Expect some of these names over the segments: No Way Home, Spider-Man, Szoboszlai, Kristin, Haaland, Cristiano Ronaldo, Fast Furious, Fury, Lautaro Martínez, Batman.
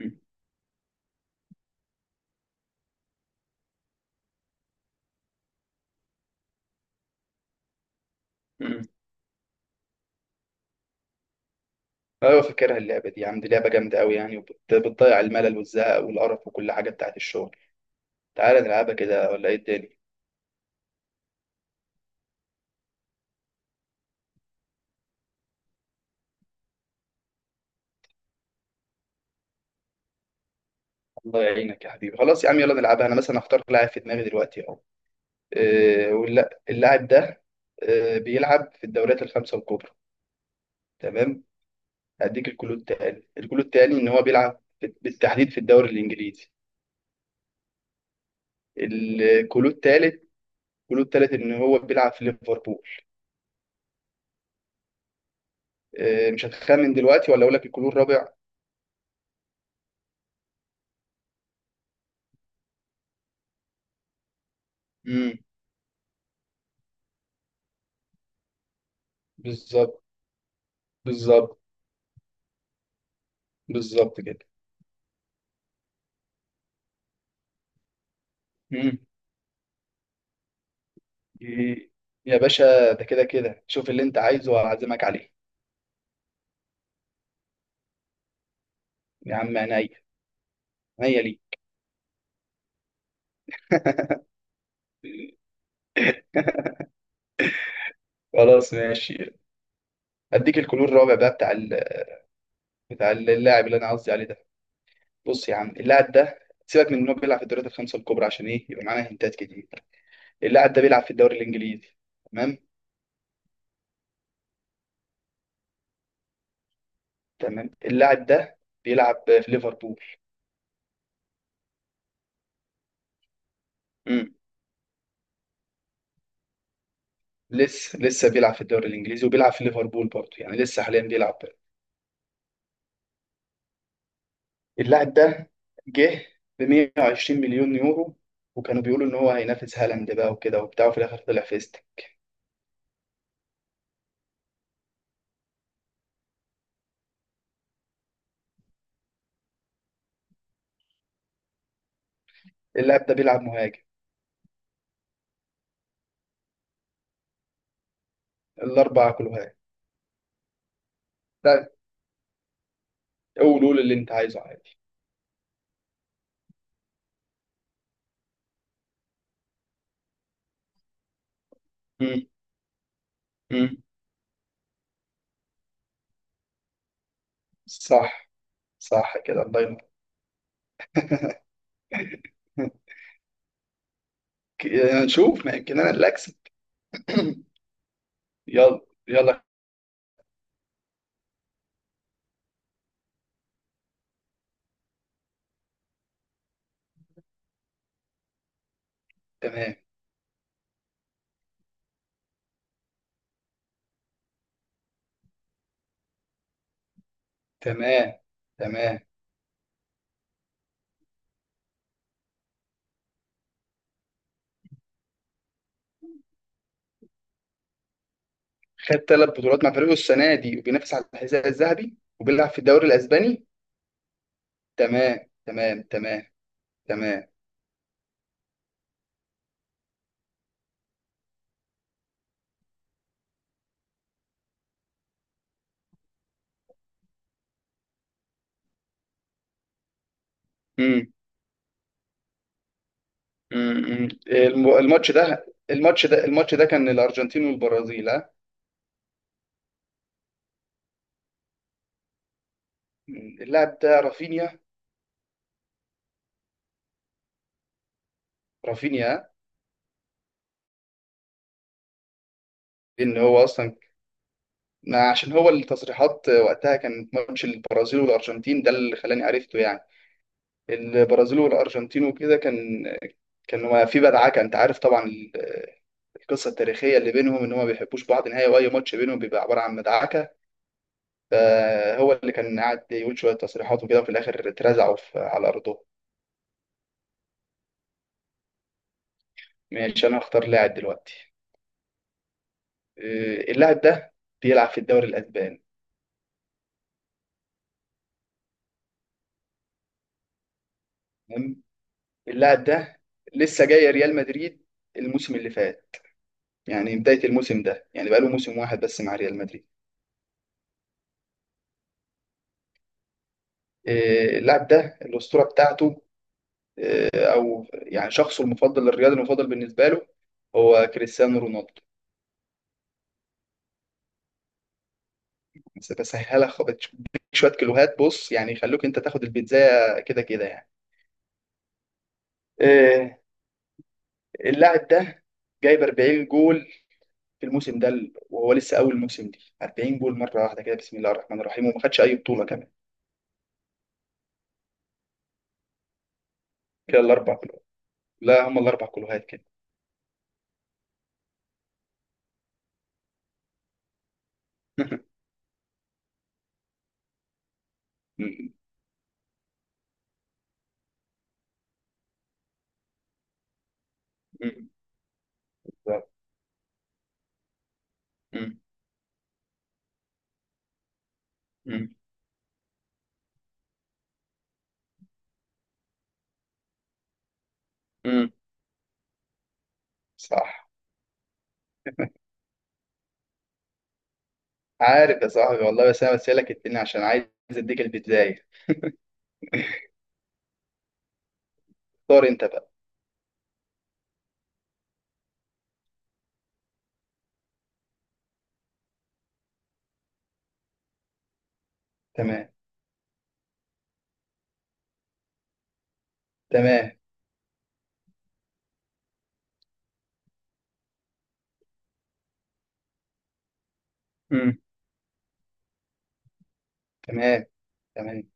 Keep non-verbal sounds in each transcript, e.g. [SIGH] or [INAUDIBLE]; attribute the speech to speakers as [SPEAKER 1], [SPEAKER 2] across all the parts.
[SPEAKER 1] مم. مم. ايوه فاكرها اللعبه دي، عندي لعبه جامده قوي يعني، وبتضيع الملل والزهق والقرف وكل حاجه بتاعت الشغل. تعالى نلعبها كده ولا ايه الدنيا؟ الله يعينك يا حبيبي، خلاص يا عم يلا نلعبها. انا مثلا هختار لاعب في دماغي دلوقتي اهو. إيه اللاعب ده، إيه بيلعب في الدوريات الخمسه الكبرى؟ تمام. هديك الكلود التاني، الكلود التاني ان هو بيلعب بالتحديد في الدوري الانجليزي. الكلود التالت، الكلود التالت ان هو بيلعب في ليفربول. إيه مش هتخمن دلوقتي ولا اقول لك الكلود الرابع؟ امم بالظبط. بالظبط. بالظبط كده. مم. إيه. يا باشا، ده كده كده شوف اللي انت عايزه وهعزمك عليه. يا عم عينيا. عينيا ليه؟ [LAUGHS] خلاص ماشي. اديك الكلور الرابع بقى، بتاع اللاعب اللي انا قصدي عليه ده. بص يا عم، اللاعب ده سيبك من انه بيلعب في الدوريات الخمسه الكبرى عشان ايه يبقى معانا هنتات كتير. اللاعب ده بيلعب في الدوري الانجليزي. تمام. تمام، اللاعب ده بيلعب في ليفربول. امم، لسه بيلعب في الدوري الانجليزي وبيلعب في ليفربول برضه، يعني لسه حاليا بيلعب. اللاعب ده جه ب 120 مليون يورو، وكانوا بيقولوا ان هو هينافس هالاند بقى وكده وبتاع، وفي الاخر طلع فيست. اللاعب ده بيلعب مهاجم. الاربعه كلها. لا، قول قول اللي انت عايزه عادي. مم. مم. صح. صح كده، الله ينور. [LAUGHS] يعني نشوف ما يمكن انا اللي اكسب. [COUGHS] [CLEARS THROAT] يلا. يلا. تمام. تمام. تمام. خد ثلاث بطولات مع فريقه السنه دي، وبينافس على الحذاء الذهبي، وبيلعب في الدوري الاسباني. تمام. تمام. تمام. تمام. مم. مم. الماتش ده كان الارجنتين والبرازيل، ها؟ مم. اللاعب ده رافينيا. رافينيا، ان هو اصلا ما، عشان هو التصريحات وقتها كانت ماتش البرازيل والارجنتين ده اللي خلاني عرفته يعني. البرازيل والارجنتين وكده، كان، كان ما في بدعكه، انت عارف طبعا القصه التاريخيه اللي بينهم، ان هم ما بيحبوش بعض نهائي، واي ماتش بينهم بيبقى عباره عن مدعكه. فهو اللي كان قاعد يقول شويه تصريحات وكده، وفي الاخر اترزعوا على ارضهم. ماشي، انا هختار لاعب دلوقتي. اللاعب ده بيلعب في الدوري الاسباني. تمام. اللاعب ده لسه جاي ريال مدريد الموسم اللي فات، يعني بدايه الموسم ده، يعني بقاله موسم واحد بس مع ريال مدريد. اللاعب ده الاسطوره بتاعته، او يعني شخصه المفضل، الرياضي المفضل بالنسبه له، هو كريستيانو رونالدو. بس بسهلها، بديك شويه كيلوهات بص، يعني يخلوك انت تاخد البيتزا كده كده يعني. آه، اللاعب ده جايب 40 جول في الموسم ده، وهو لسه اول موسم دي، 40 جول مره واحده كده، بسم الله الرحمن الرحيم، وما خدش اي بطوله كمان. كده الاربع كلوهات. لا، هم الاربع كلوهات كده. [LAUGHS] أمم، أمم بالظبط. أمم، أمم، أمم. صح. عارف يا صاحبي والله، بس انا بسالك الدنيا عشان عايز اديك البدايه. اختار انت بقى. تمام. تمام. أمم، تمام. تمام.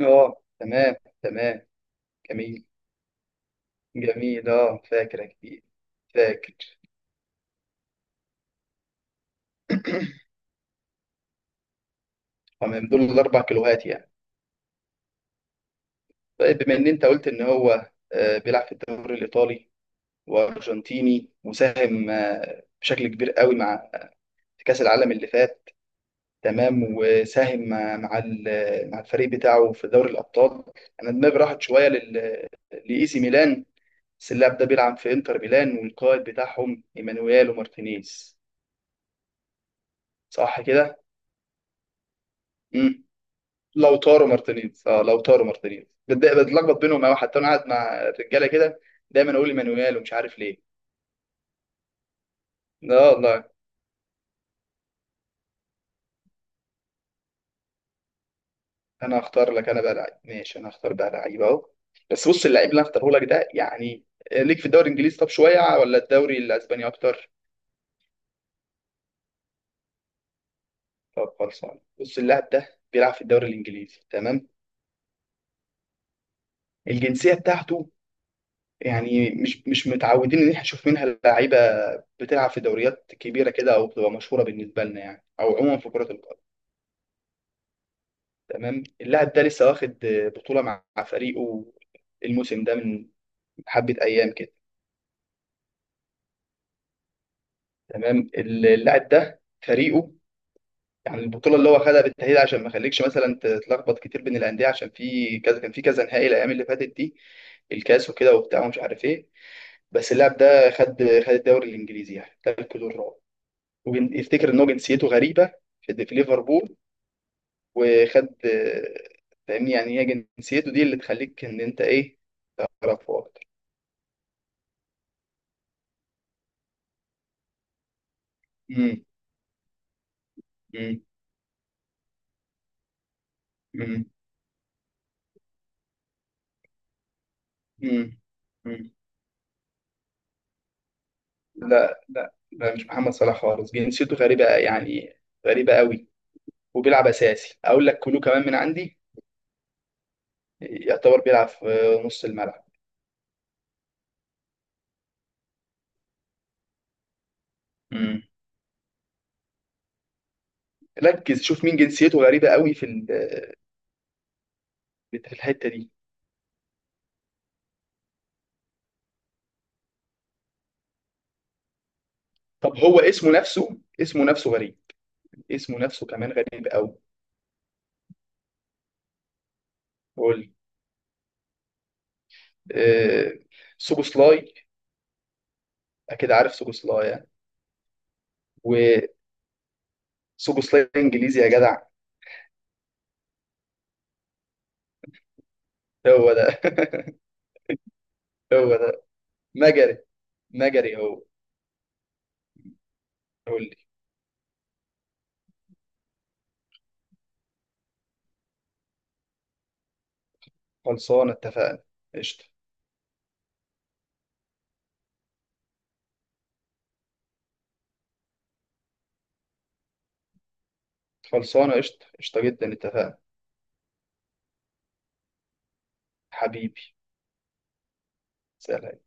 [SPEAKER 1] اه تمام. تمام. جميل. جميل، اه فاكر يا كبير. فاكر. [CLEARS THROAT] تمام، دول الاربع كيلوهات يعني. طيب، بما ان انت قلت ان هو بيلعب في الدوري الايطالي، وارجنتيني، وساهم بشكل كبير قوي مع، في كاس العالم اللي فات. تمام. وساهم مع الفريق بتاعه في دوري الابطال. انا دماغي راحت شويه لاي سي ميلان، بس اللاعب ده بيلعب في انتر ميلان، والقائد بتاعهم ايمانويل ومارتينيز. صح كده؟ امم. لو تارو مارتينيز، اه لو تارو مارتينيز بتلخبط بينهم أوي، حتى انا قاعد مع الرجاله كده دايما اقول ايمانويل ومش عارف ليه. لا والله. انا اختار لك انا بقى لعيب. ماشي، انا اختار بقى لعيب اهو. بس بص، اللعيب اللي انا اختاره لك ده يعني، ليك في الدوري الانجليزي طب شويه، ولا الدوري الاسباني اكتر؟ طب خلصان، بص اللاعب ده بيلعب في الدوري الانجليزي. تمام. الجنسيه بتاعته يعني، مش متعودين ان احنا نشوف منها لعيبه بتلعب في دوريات كبيره كده، او بتبقى مشهوره بالنسبه لنا يعني، او عموما في كره القدم. تمام. اللاعب ده لسه واخد بطوله مع فريقه الموسم ده من حبه ايام كده. تمام. اللاعب ده فريقه يعني، البطوله اللي هو خدها بالتاهيل، عشان ما يخليكش مثلا تتلخبط كتير بين الانديه، عشان في كذا كان، في كذا نهائي الايام اللي فاتت دي، الكاس وكده وبتاع ومش عارف ايه. بس اللاعب ده خد الدوري الانجليزي، يعني ده الكيلو الرابع. ويفتكر ان هو جنسيته غريبه، في ليفربول وخد. فاهمني يعني، هي جنسيته دي اللي تخليك ان انت ايه، تعرفه اكتر. مم. مم. مم. مم. مم. لا لا لا، مش محمد صلاح خالص، جنسيته غريبه يعني، غريبه قوي. وبيلعب اساسي، اقول لك كلو كمان من عندي، يعتبر بيلعب في نص الملعب. مم. ركز شوف مين جنسيته غريبه قوي في الحته دي. طب هو اسمه نفسه غريب. اسمه نفسه كمان غريب قوي. قول. آه... سوبوسلاي، اكيد عارف سوبوسلاي يعني. وسوبوسلاي انجليزي يا جدع. هو ده. [LAUGHS] هو ده. مجري. مجري هو. قول لي. خلصانه اتفقنا. قشطه. خلصانه قشطه. قشطه جدا اتفقنا. حبيبي. سلام.